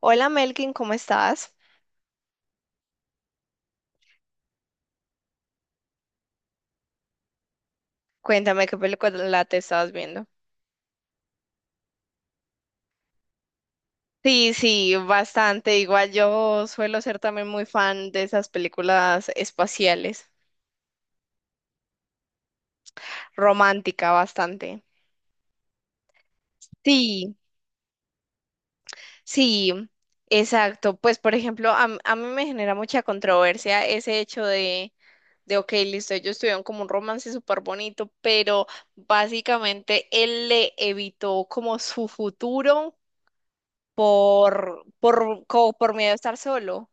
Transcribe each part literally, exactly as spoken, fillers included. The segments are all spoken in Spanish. Hola Melkin, ¿cómo estás? Cuéntame qué película te estabas viendo. Sí, sí, bastante. Igual yo suelo ser también muy fan de esas películas espaciales, romántica bastante. Sí, sí, exacto. Pues por ejemplo, a, m- a mí me genera mucha controversia ese hecho de, de, ok, listo, ellos tuvieron como un romance súper bonito, pero básicamente él le evitó como su futuro por, por, como por miedo a estar solo.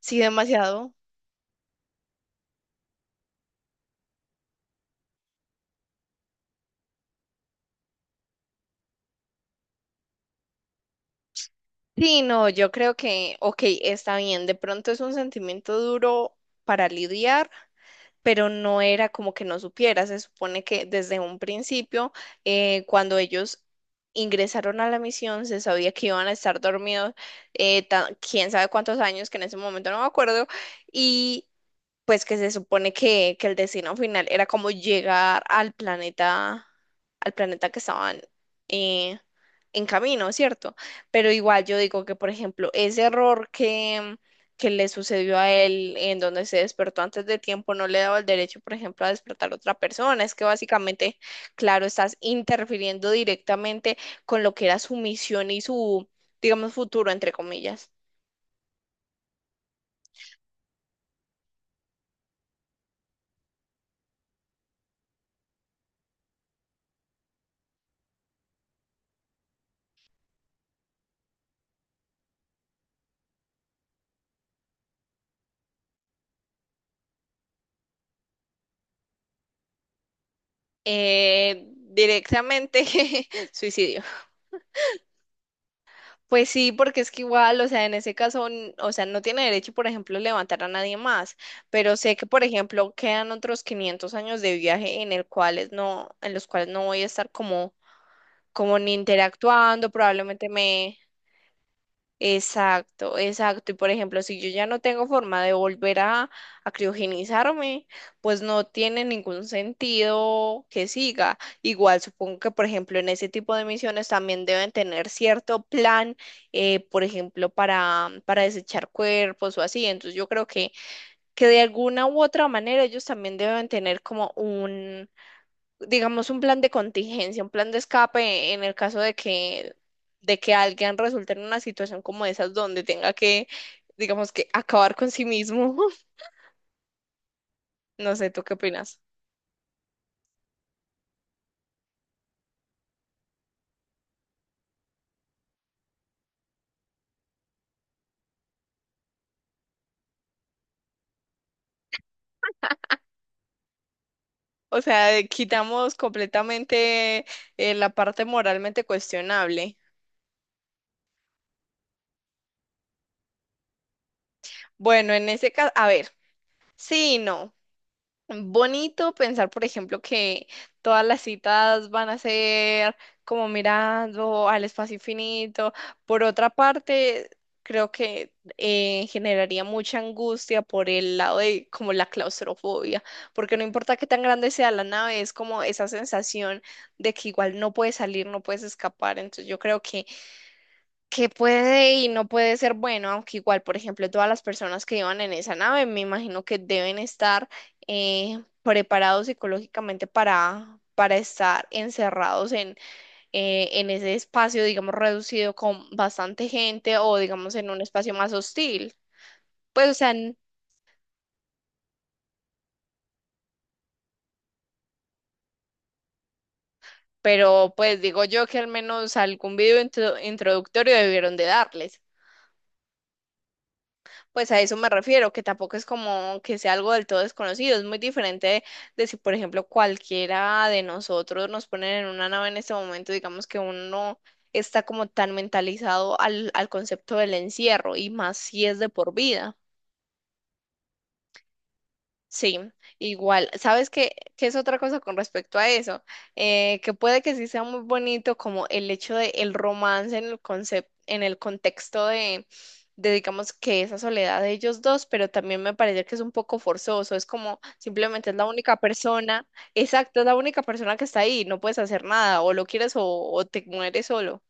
Sí, demasiado. Sí, no, yo creo que, ok, está bien, de pronto es un sentimiento duro para lidiar, pero no era como que no supiera. Se supone que desde un principio, eh, cuando ellos ingresaron a la misión, se sabía que iban a estar dormidos, eh, ta- quién sabe cuántos años, que en ese momento no me acuerdo, y pues que se supone que, que el destino final era como llegar al planeta, al planeta que estaban eh, en camino, ¿cierto? Pero igual yo digo que, por ejemplo, ese error que, que le sucedió a él en donde se despertó antes de tiempo no le daba el derecho, por ejemplo, a despertar a otra persona. Es que básicamente, claro, estás interfiriendo directamente con lo que era su misión y su, digamos, futuro, entre comillas. Eh, directamente suicidio. Pues sí, porque es que igual, o sea, en ese caso, n- o sea, no tiene derecho, por ejemplo, levantar a nadie más, pero sé que, por ejemplo, quedan otros quinientos años de viaje en el cuales no, en los cuales no voy a estar como, como ni interactuando, probablemente me, exacto, exacto. Y por ejemplo, si yo ya no tengo forma de volver a, a criogenizarme, pues no tiene ningún sentido que siga. Igual supongo que, por ejemplo, en ese tipo de misiones también deben tener cierto plan, eh, por ejemplo, para, para desechar cuerpos o así. Entonces yo creo que, que de alguna u otra manera ellos también deben tener como digamos, un plan de contingencia, un plan de escape en el caso de que, de que alguien resulte en una situación como esas donde tenga que, digamos, que acabar con sí mismo. No sé, ¿tú qué opinas? O sea, eh, quitamos completamente eh, la parte moralmente cuestionable. Bueno, en ese caso, a ver, sí y no. Bonito pensar, por ejemplo, que todas las citas van a ser como mirando al espacio infinito. Por otra parte, creo que eh, generaría mucha angustia por el lado de como la claustrofobia, porque no importa qué tan grande sea la nave, es como esa sensación de que igual no puedes salir, no puedes escapar. Entonces yo creo que que puede y no puede ser bueno, aunque igual, por ejemplo, todas las personas que iban en esa nave, me imagino que deben estar eh, preparados psicológicamente para, para estar encerrados en, eh, en ese espacio, digamos, reducido con bastante gente o, digamos, en un espacio más hostil. Pues, o sea, n- pero pues digo yo que al menos algún video intro- introductorio debieron de darles. Pues a eso me refiero, que tampoco es como que sea algo del todo desconocido, es muy diferente de de si, por ejemplo, cualquiera de nosotros nos ponen en una nave en este momento, digamos que uno está como tan mentalizado al, al concepto del encierro y más si es de por vida. Sí, igual. ¿Sabes qué, qué es otra cosa con respecto a eso? Eh, que puede que sí sea muy bonito como el hecho de el romance en el concepto, en el contexto de, de, digamos, que esa soledad de ellos dos, pero también me parece que es un poco forzoso. Es como simplemente es la única persona, exacto, es la única persona que está ahí, no puedes hacer nada, o lo quieres o, o te mueres solo.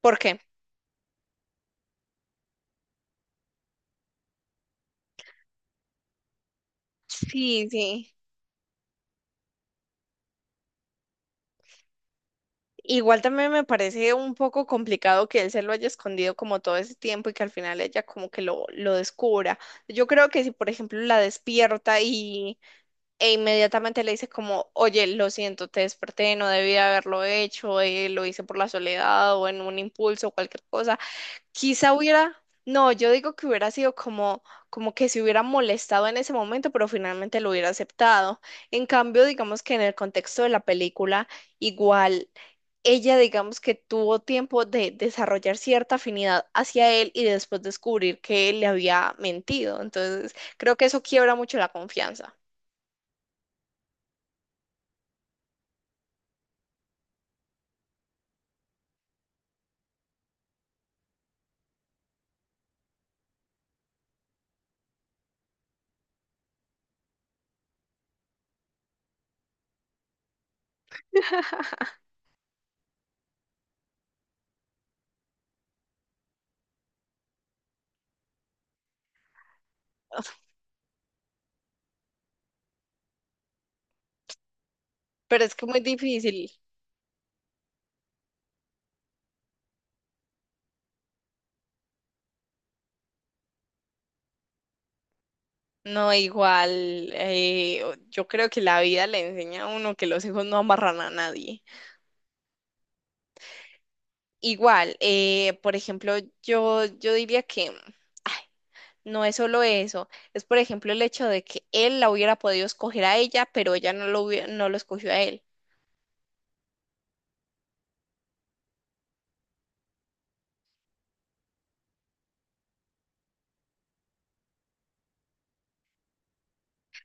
¿Por qué? Sí, sí. Igual también me parece un poco complicado que él se lo haya escondido como todo ese tiempo y que al final ella como que lo, lo descubra. Yo creo que si, por ejemplo, la despierta y e inmediatamente le dice como, oye, lo siento, te desperté, no debía haberlo hecho, eh, lo hice por la soledad o en un impulso o cualquier cosa, quizá hubiera, no, yo digo que hubiera sido como, como que se hubiera molestado en ese momento, pero finalmente lo hubiera aceptado. En cambio, digamos que en el contexto de la película, igual ella digamos que tuvo tiempo de desarrollar cierta afinidad hacia él y después descubrir que él le había mentido. Entonces, creo que eso quiebra mucho la confianza. Pero es que muy difícil. No, igual, eh, yo creo que la vida le enseña a uno que los hijos no amarran a nadie. Igual, eh, por ejemplo, yo, yo diría que ay, no es solo eso, es por ejemplo el hecho de que él la hubiera podido escoger a ella, pero ella no lo, hubie- no lo escogió a él.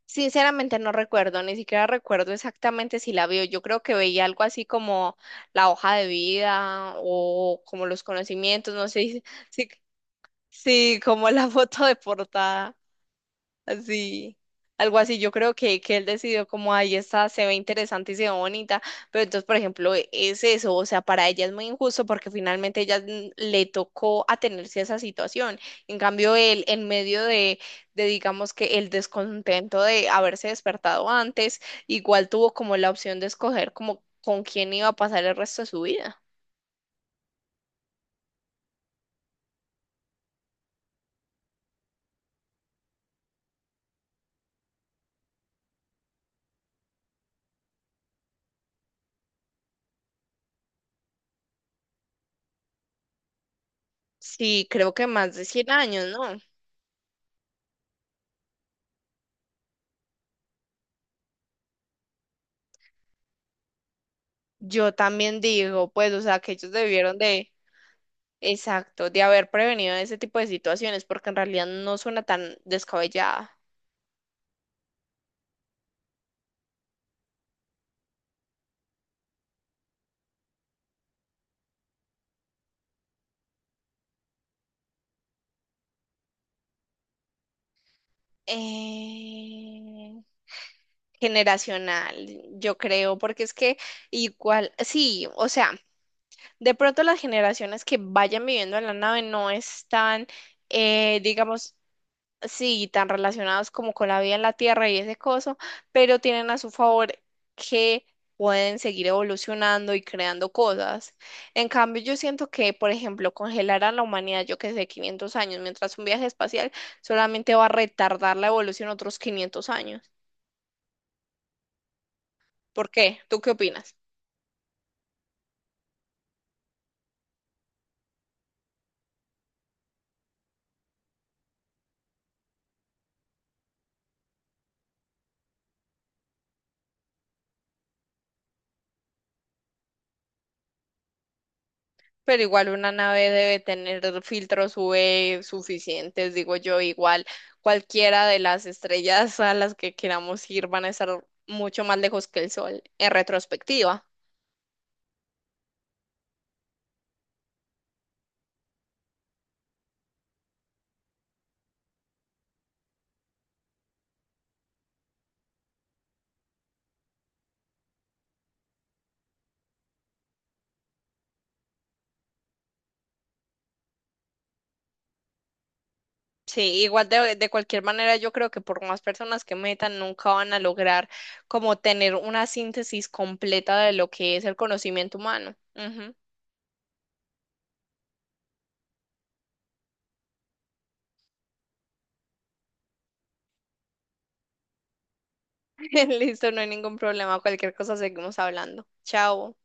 Sinceramente no recuerdo, ni siquiera recuerdo exactamente si la vio. Yo creo que veía algo así como la hoja de vida o como los conocimientos, no sé si, si, si como la foto de portada. Así, algo así. Yo creo que, que él decidió como, ahí está, se ve interesante y se ve bonita, pero entonces, por ejemplo, e- es eso, o sea, para ella es muy injusto porque finalmente ella n- le tocó atenerse a esa situación. En cambio, él, en medio de, de, digamos que el descontento de haberse despertado antes, igual tuvo como la opción de escoger como con quién iba a pasar el resto de su vida. Sí, creo que más de cien años, ¿no? Yo también digo, pues, o sea, que ellos debieron de... Exacto, de haber prevenido ese tipo de situaciones, porque en realidad no suena tan descabellada. Eh, generacional, yo creo, porque es que igual, sí, o sea, de pronto las generaciones que vayan viviendo en la nave no están, eh, digamos, sí, tan relacionados como con la vida en la Tierra y ese coso, pero tienen a su favor que pueden seguir evolucionando y creando cosas. En cambio, yo siento que, por ejemplo, congelar a la humanidad, yo que sé, quinientos años, mientras un viaje espacial solamente va a retardar la evolución otros quinientos años. ¿Por qué? ¿Tú qué opinas? Pero igual una nave debe tener filtros U V suficientes, digo yo, igual cualquiera de las estrellas a las que queramos ir van a estar mucho más lejos que el Sol en retrospectiva. Sí, igual de, de cualquier manera yo creo que por más personas que metan nunca van a lograr como tener una síntesis completa de lo que es el conocimiento humano. Ujú. Listo, no hay ningún problema, cualquier cosa seguimos hablando. Chao.